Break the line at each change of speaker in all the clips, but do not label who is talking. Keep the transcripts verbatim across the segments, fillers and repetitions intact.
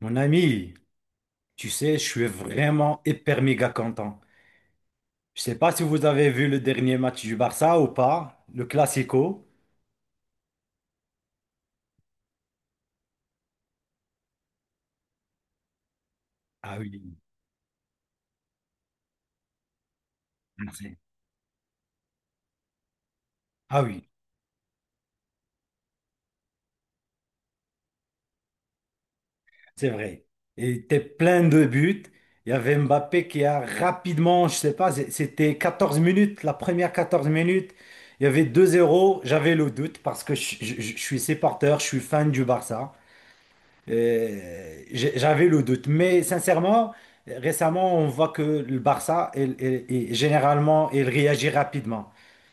Mon ami, tu sais, je suis vraiment hyper méga content. Je sais pas si vous avez vu le dernier match du Barça ou pas, le Classico. Ah oui, merci. Ah oui, c'est vrai. Et était plein de buts. Il y avait Mbappé qui a rapidement, je sais pas, c'est- c'était quatorze minutes, la première quatorze minutes. Il y avait deux zéro. J'avais le doute parce que je, je- je suis supporter, je suis fan du Barça. Euh, j'ai- j'avais le doute. Mais sincèrement, récemment, on voit que le Barça, il- il- il- généralement, il réagit rapidement.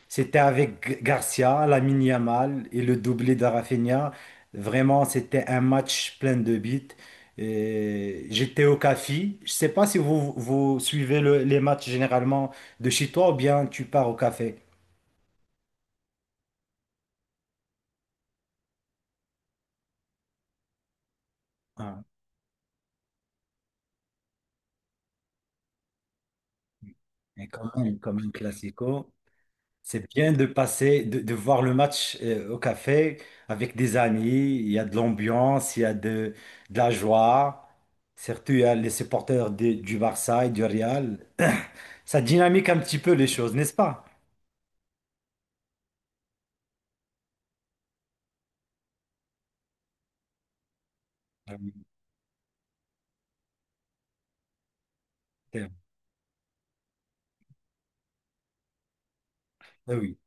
C'était avec Garcia, Lamine Yamal et le doublé de Rafinha. Vraiment, c'était un match plein de buts. Euh, J'étais au café. Je sais pas si vous, vous suivez le- les matchs généralement de chez toi ou bien tu pars au café. Ah, mais quand même, comme un classico. C'est bien de passer, de, de voir le match euh, au café avec des amis. Il y a de l'ambiance, il y a de, de la joie. Surtout, il y a les supporters des- du Barça et du Real. Ça dynamique un petit peu les choses, n'est-ce pas? Ah oui. Ah oui.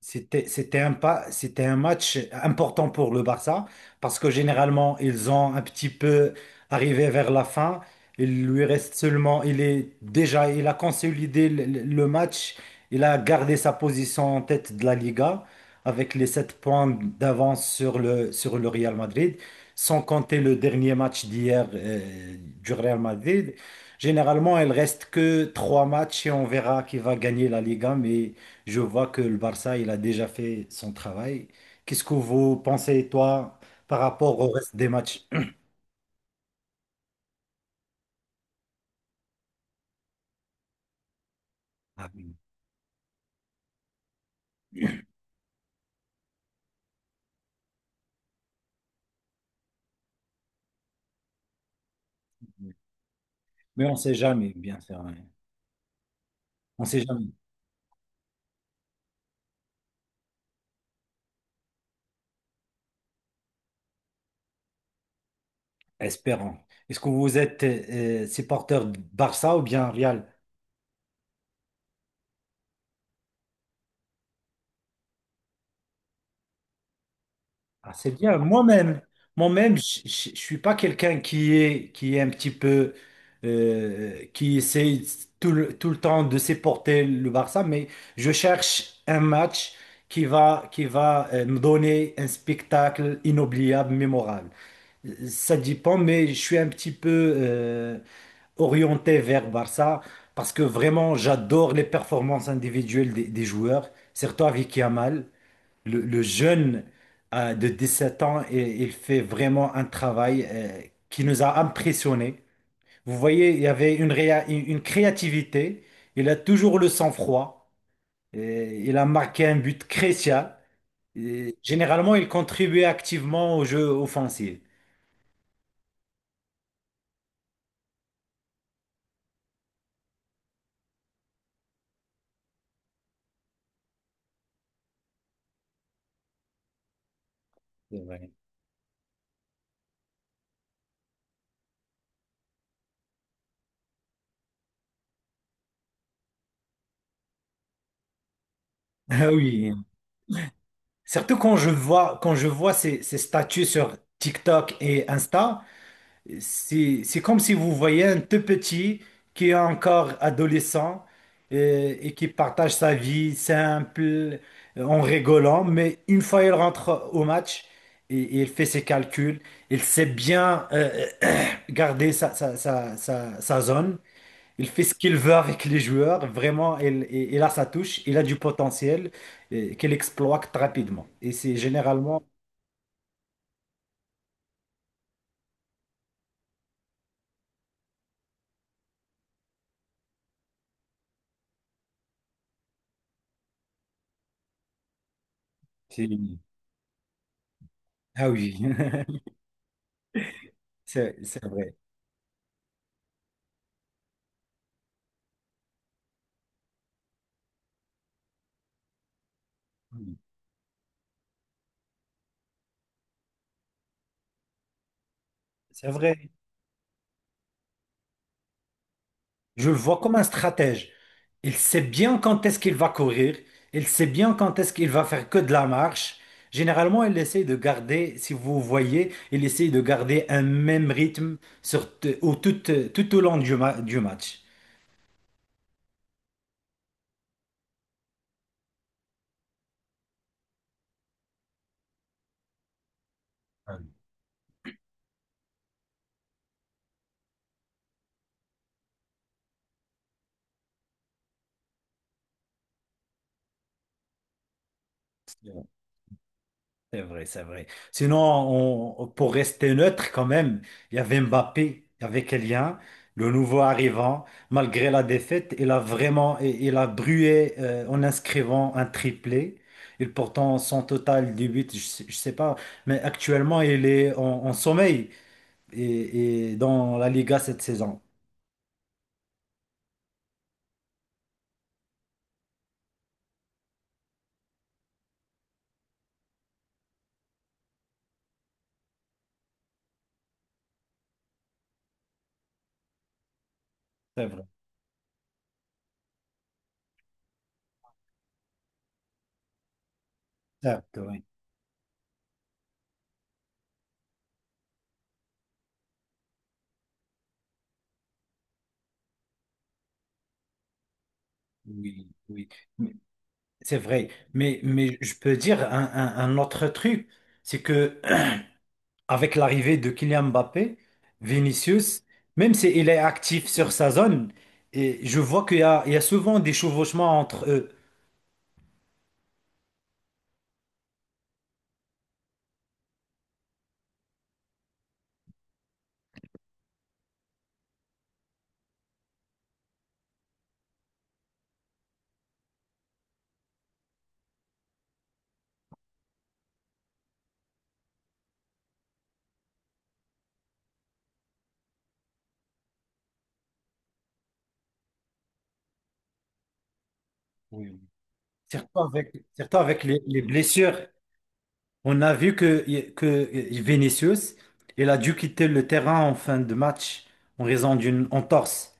C'était, c'était un pas, c'était un match important pour le Barça parce que généralement ils ont un petit peu arrivé vers la fin. Il lui reste seulement, il est déjà, il a consolidé le, le- le match. Il a gardé sa position en tête de la Liga avec les sept points d'avance sur le, sur le Real Madrid, sans compter le dernier match d'hier euh, du Real Madrid. Généralement, il reste que trois matchs et on verra qui va gagner la Liga, mais je vois que le Barça, il a déjà fait son travail. Qu'est-ce que vous pensez, toi, par rapport au reste des matchs? Ah oui. Mais on ne sait jamais, bien sûr. Ouais. On ne sait jamais. Espérons. Est-ce que vous êtes euh, supporter de Barça ou bien Real? Ah, c'est bien. Moi-même, moi-même, je ne suis pas quelqu'un qui est, qui est un petit peu, euh, qui essaye tout le, tout le temps de supporter le Barça, mais je cherche un match qui va, qui va euh, me donner un spectacle inoubliable, mémorable. Ça dépend, mais je suis un petit peu euh, orienté vers Barça parce que vraiment, j'adore les performances individuelles des, des joueurs, surtout avec Yamal. Le, le jeune euh, de sept ans, il, il fait vraiment un travail euh, qui nous a impressionnés. Vous voyez, il y avait une, réa- une une créativité. Il a toujours le sang-froid. Et il a marqué un but crucial. Et généralement, il contribuait activement au jeu offensif. C'est vrai. Ah oui, surtout quand je vois, quand je vois ces, ces statuts sur TikTok et Insta. C'est, c'est comme si vous voyez un tout petit qui est encore adolescent euh, et, qui partage sa vie simple euh, en rigolant, mais une fois il rentre au match et, et il fait ses calculs, il sait bien euh, garder sa, sa- sa- sa- sa zone, il fait ce qu'il veut avec les joueurs, vraiment il, il- il a sa touche, il a du potentiel euh, qu'il exploite rapidement. Et c'est généralement... c'est- Ah oui, c'est c'est vrai. C'est vrai. Je le vois comme un stratège. Il sait bien quand est-ce qu'il va courir, il sait bien quand est-ce qu'il va faire que de la marche. Généralement, il essaye de garder, si vous voyez, il essaye de garder un même rythme sur, t- au, tout, tout au long du, ma- du match. C'est vrai, c'est vrai. Sinon, on- pour rester neutre quand même, il y avait Mbappé, il y avait Kylian, le nouveau arrivant. Malgré la défaite, il a vraiment, il il a brûlé euh, en inscrivant un triplé. Et pourtant, son total de buts, je sais, je sais pas, mais actuellement, il est en, en sommeil et, et dans la Liga cette saison. C'est vrai. Certes, oui, oui, oui. Mais- C'est vrai. Mais, mais je peux dire un un- un autre truc, c'est que avec l'arrivée de Kylian Mbappé, Vinicius, même s'il est actif sur sa zone, et je vois qu'il y a, il y a souvent des chevauchements entre eux. Oui. surtout avec, surtout avec les, les blessures. On a vu que, que Vinicius, il a dû quitter le terrain en fin de match en raison d'une entorse.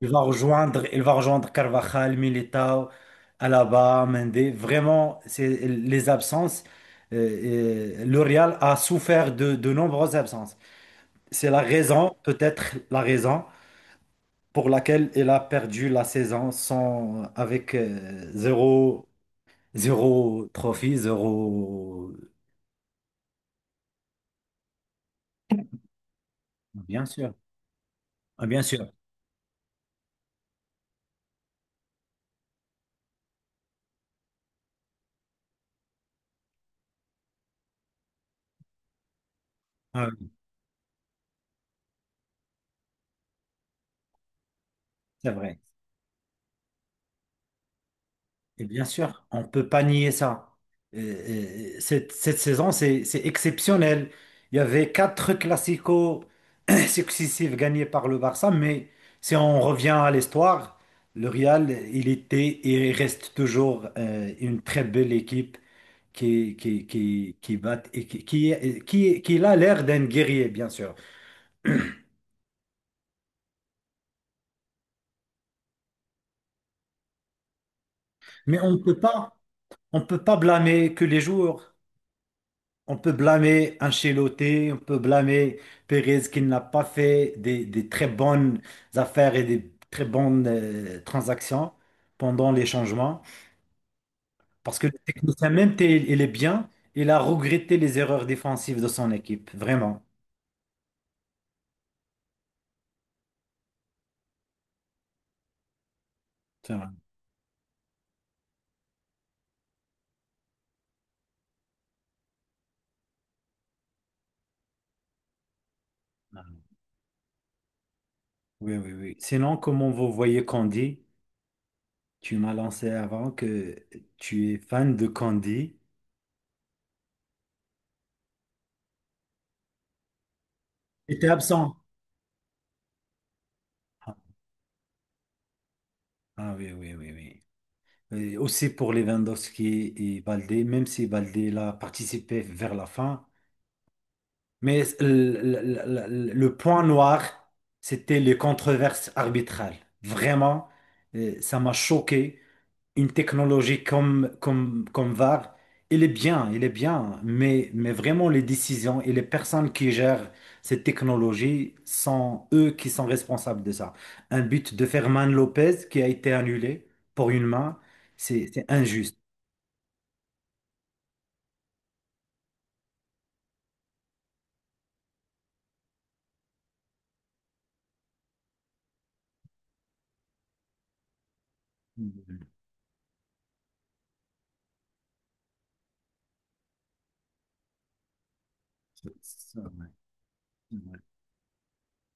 Il va rejoindre, il va rejoindre Carvajal, Militao, Alaba, Mendy. Vraiment, c'est les absences. Euh, euh, le Real a souffert de de nombreuses absences. C'est la raison, peut-être la raison pour laquelle il a perdu la saison sans, avec euh, zéro, zéro trophée, zéro. Bien sûr, ah, bien sûr, ah, oui, c'est vrai. Et bien sûr, on ne peut pas nier ça. Euh, euh, cette, cette saison, c'est c'est exceptionnel. Il y avait quatre classicos successifs gagnés par le Barça, mais si on revient à l'histoire, le Real, il était et il reste toujours euh, une très belle équipe qui, qui, qui, qui va, et qui, qui, qui, qui a l'air d'un guerrier, bien sûr. Mais on peut pas, on peut pas blâmer que les joueurs. On peut blâmer Ancelotti, on peut blâmer Pérez qui n'a pas fait des, des très bonnes affaires et des très bonnes euh, transactions pendant les changements. Parce que le technicien, même s'il il est bien, il a regretté les erreurs défensives de son équipe, vraiment. C'est vrai. Oui, oui, oui. Sinon, comment vous voyez Candy? Tu m'as lancé avant que tu es fan de Candy. J'étais absent. Ah ah oui, oui, oui, oui. Et aussi pour Lewandowski et Baldé, même si Baldé l'a participé vers la fin. Mais le, le- le- le- le point noir, c'était les controverses arbitrales. Vraiment, euh, ça m'a choqué. Une technologie comme, comme, comme V A R, il est bien, il est bien, mais, mais, vraiment les décisions et les personnes qui gèrent cette technologie sont eux qui sont responsables de ça. Un but de Ferman Lopez qui a été annulé pour une main, c'est c'est injuste. C'est vrai, c'est vrai,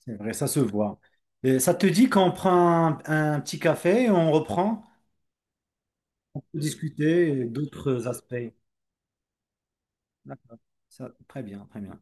c'est vrai, ça se voit. Et ça te dit qu'on prend un, un petit café, et on reprend, on peut discuter d'autres aspects. D'accord, ça, très bien, très bien.